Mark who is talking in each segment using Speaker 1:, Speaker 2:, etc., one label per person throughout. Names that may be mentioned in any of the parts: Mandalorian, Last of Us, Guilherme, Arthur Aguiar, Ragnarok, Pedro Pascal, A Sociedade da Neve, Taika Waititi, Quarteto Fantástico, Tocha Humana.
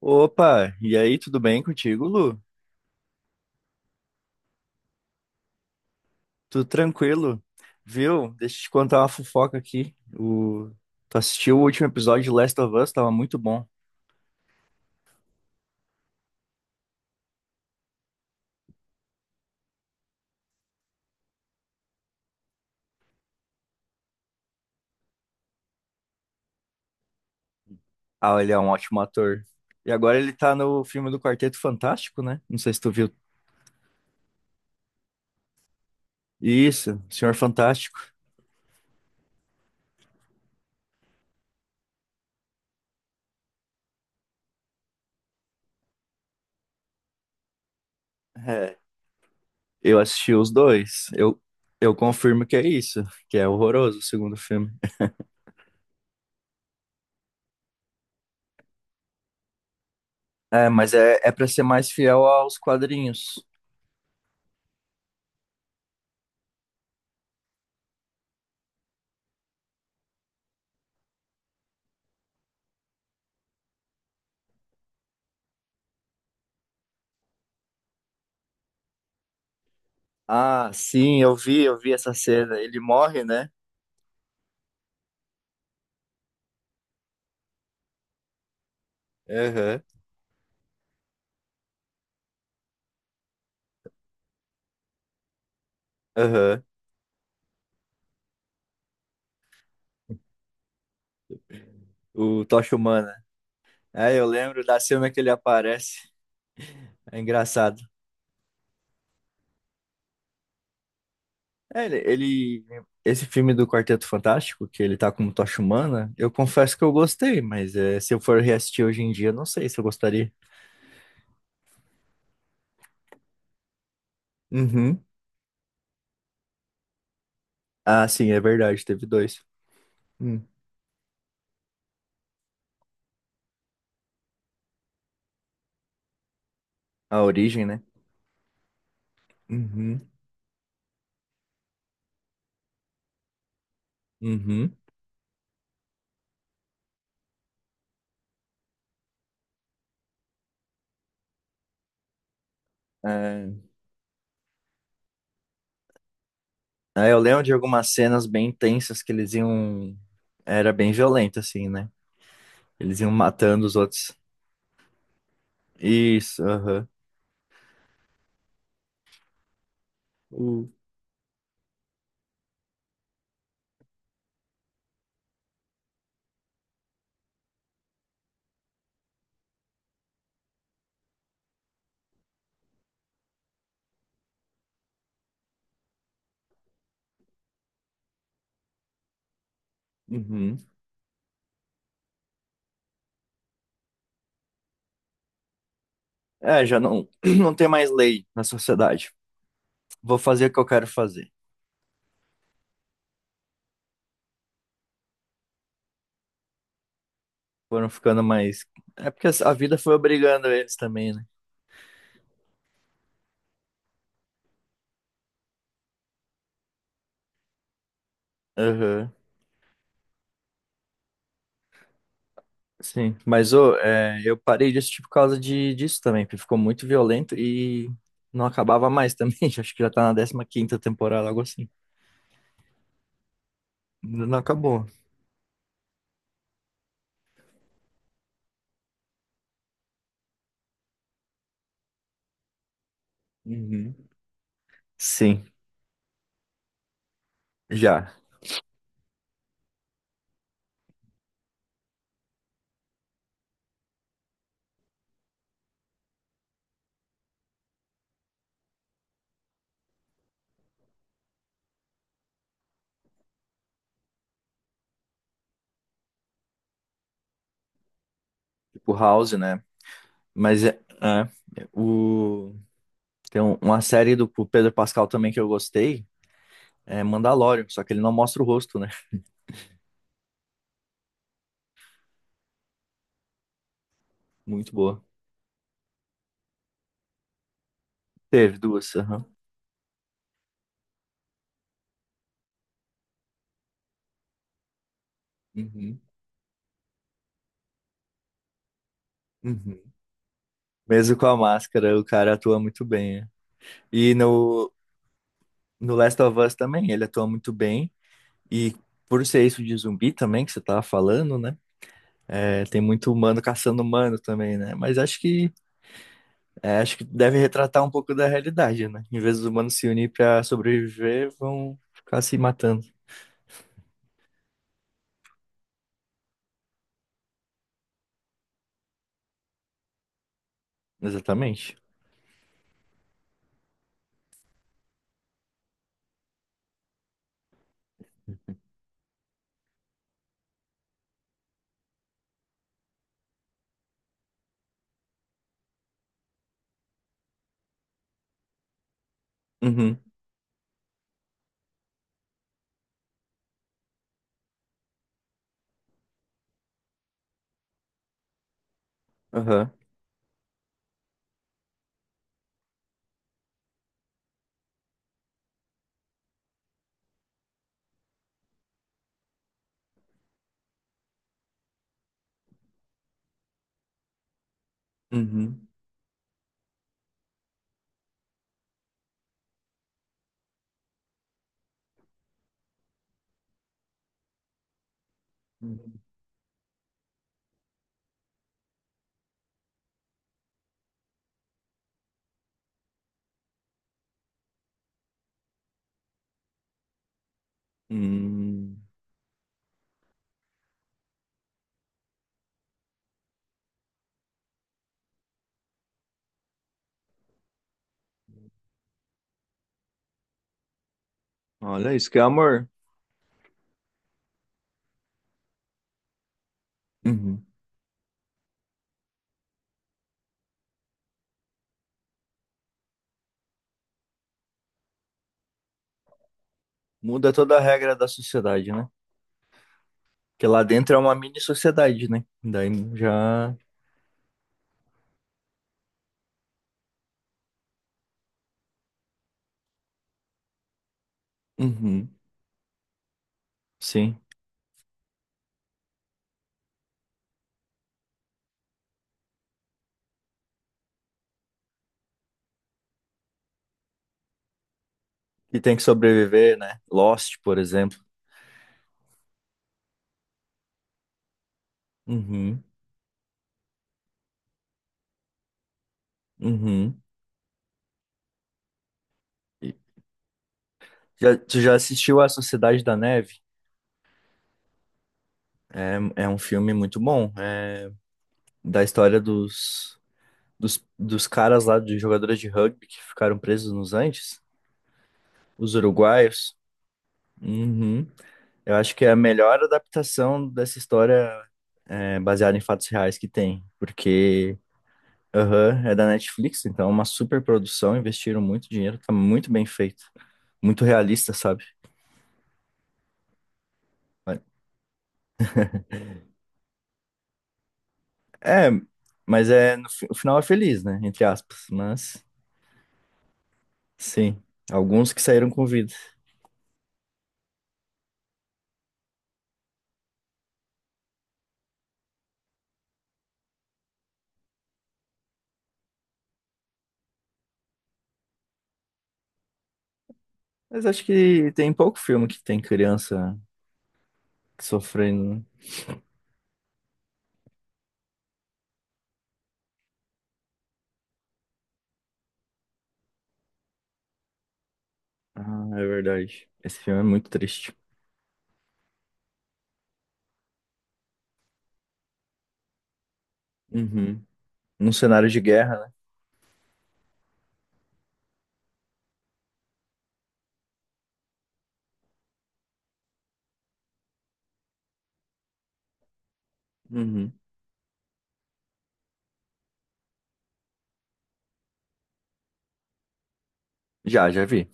Speaker 1: Opa, e aí, tudo bem contigo, Lu? Tudo tranquilo? Viu? Deixa eu te contar uma fofoca aqui. O... Tu assistiu o último episódio de Last of Us? Tava muito bom. Ah, ele é um ótimo ator. E agora ele tá no filme do Quarteto Fantástico, né? Não sei se tu viu. Isso, Senhor Fantástico. É, eu assisti os dois. Eu confirmo que é isso, que é horroroso o segundo filme. É, mas é, é pra ser mais fiel aos quadrinhos. Ah, sim, eu vi essa cena. Ele morre, né? Aham, aham. O Tocha Humana. É, eu lembro da cena que ele aparece. É engraçado. É, ele, ele- Esse filme do Quarteto Fantástico, que ele tá como Tocha Humana, eu confesso que eu gostei, mas é, se eu for reassistir hoje em dia, não sei se eu gostaria. Uhum. Ah, sim, é verdade, teve dois. Hum. A origem, né? Uhum. Uhum. É, é, eu lembro de algumas cenas bem intensas que eles iam. Era bem violento, assim, né? Eles iam matando os outros. Isso, aham. Uhum. É, já não, não tem mais lei na sociedade. Vou fazer o que eu quero fazer. Foram ficando mais. É porque a vida foi obrigando eles também, né? Aham. Sim. Mas ô, é, eu parei de tipo por causa de, disso também, porque ficou muito violento e não acabava mais também. Acho que já tá na 15ª temporada, algo assim. Ainda não acabou. Uhum. Sim, já. Tipo House, né? Mas é, é, o... tem uma série do Pedro Pascal também que eu gostei. É Mandalorian, só que ele não mostra o rosto, né? Muito boa. Teve duas, aham. Uhum, uhum. Mesmo com a máscara, o cara atua muito bem. Né? E no, no Last of Us também, ele atua muito bem. E por ser isso de zumbi também, que você tava falando, né? É, tem muito humano caçando humano também, né? Mas acho que, é, acho que deve retratar um pouco da realidade, né? Em vez dos humanos se unir pra sobreviver, vão ficar se matando. Exatamente. Uhum, aham, uhum, uhum. Hum. Olha isso que é amor. Uhum. Muda toda a regra da sociedade, né? Porque lá dentro é uma mini sociedade, né? Daí já, uhum. Sim, e tem que sobreviver, né? Lost, por exemplo. Uhum. Uhum. E já, tu já assistiu A Sociedade da Neve? É, é um filme muito bom. É da história dos, dos, dos caras lá, dos jogadores de rugby que ficaram presos nos Andes, os uruguaios. Uhum. Eu acho que é a melhor adaptação dessa história é, baseada em fatos reais que tem, porque aham, é da Netflix, então é uma super produção, investiram muito dinheiro, tá muito bem feito, muito realista, sabe? É, mas é no o final é feliz, né? Entre aspas, mas sim, alguns que saíram com vida. Mas acho que tem pouco filme que tem criança sofrendo, né? Ah, é verdade. Esse filme é muito triste. Uhum. Num cenário de guerra, né? Uhum. Já, já vi.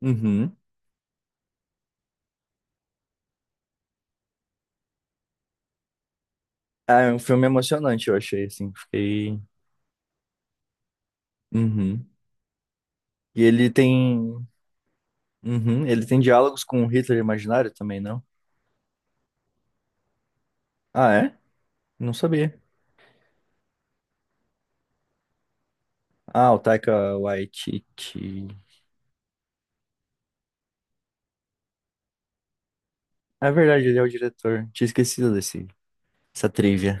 Speaker 1: Uhum. Ah, é um filme emocionante, eu achei, assim, fiquei... Uhum. E ele tem... Uhum. Ele tem diálogos com o Hitler imaginário também, não? Ah, é? Não sabia. Ah, o Taika Waititi... É verdade, ele é o diretor. Tinha esquecido desse... Essa trivia.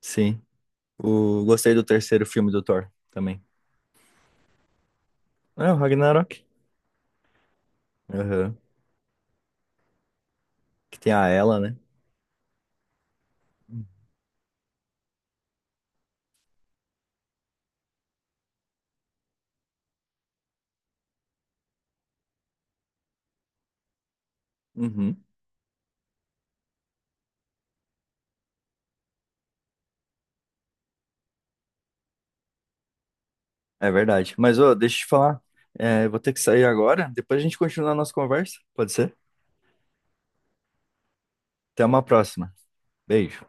Speaker 1: Sim. O... Gostei do terceiro filme do Thor também. É, o Ragnarok. Aham. Que tem a Ela, né? Uhum. É verdade. Mas, ô, deixa eu te falar. É, eu vou ter que sair agora. Depois a gente continua a nossa conversa. Pode ser? Até uma próxima. Beijo.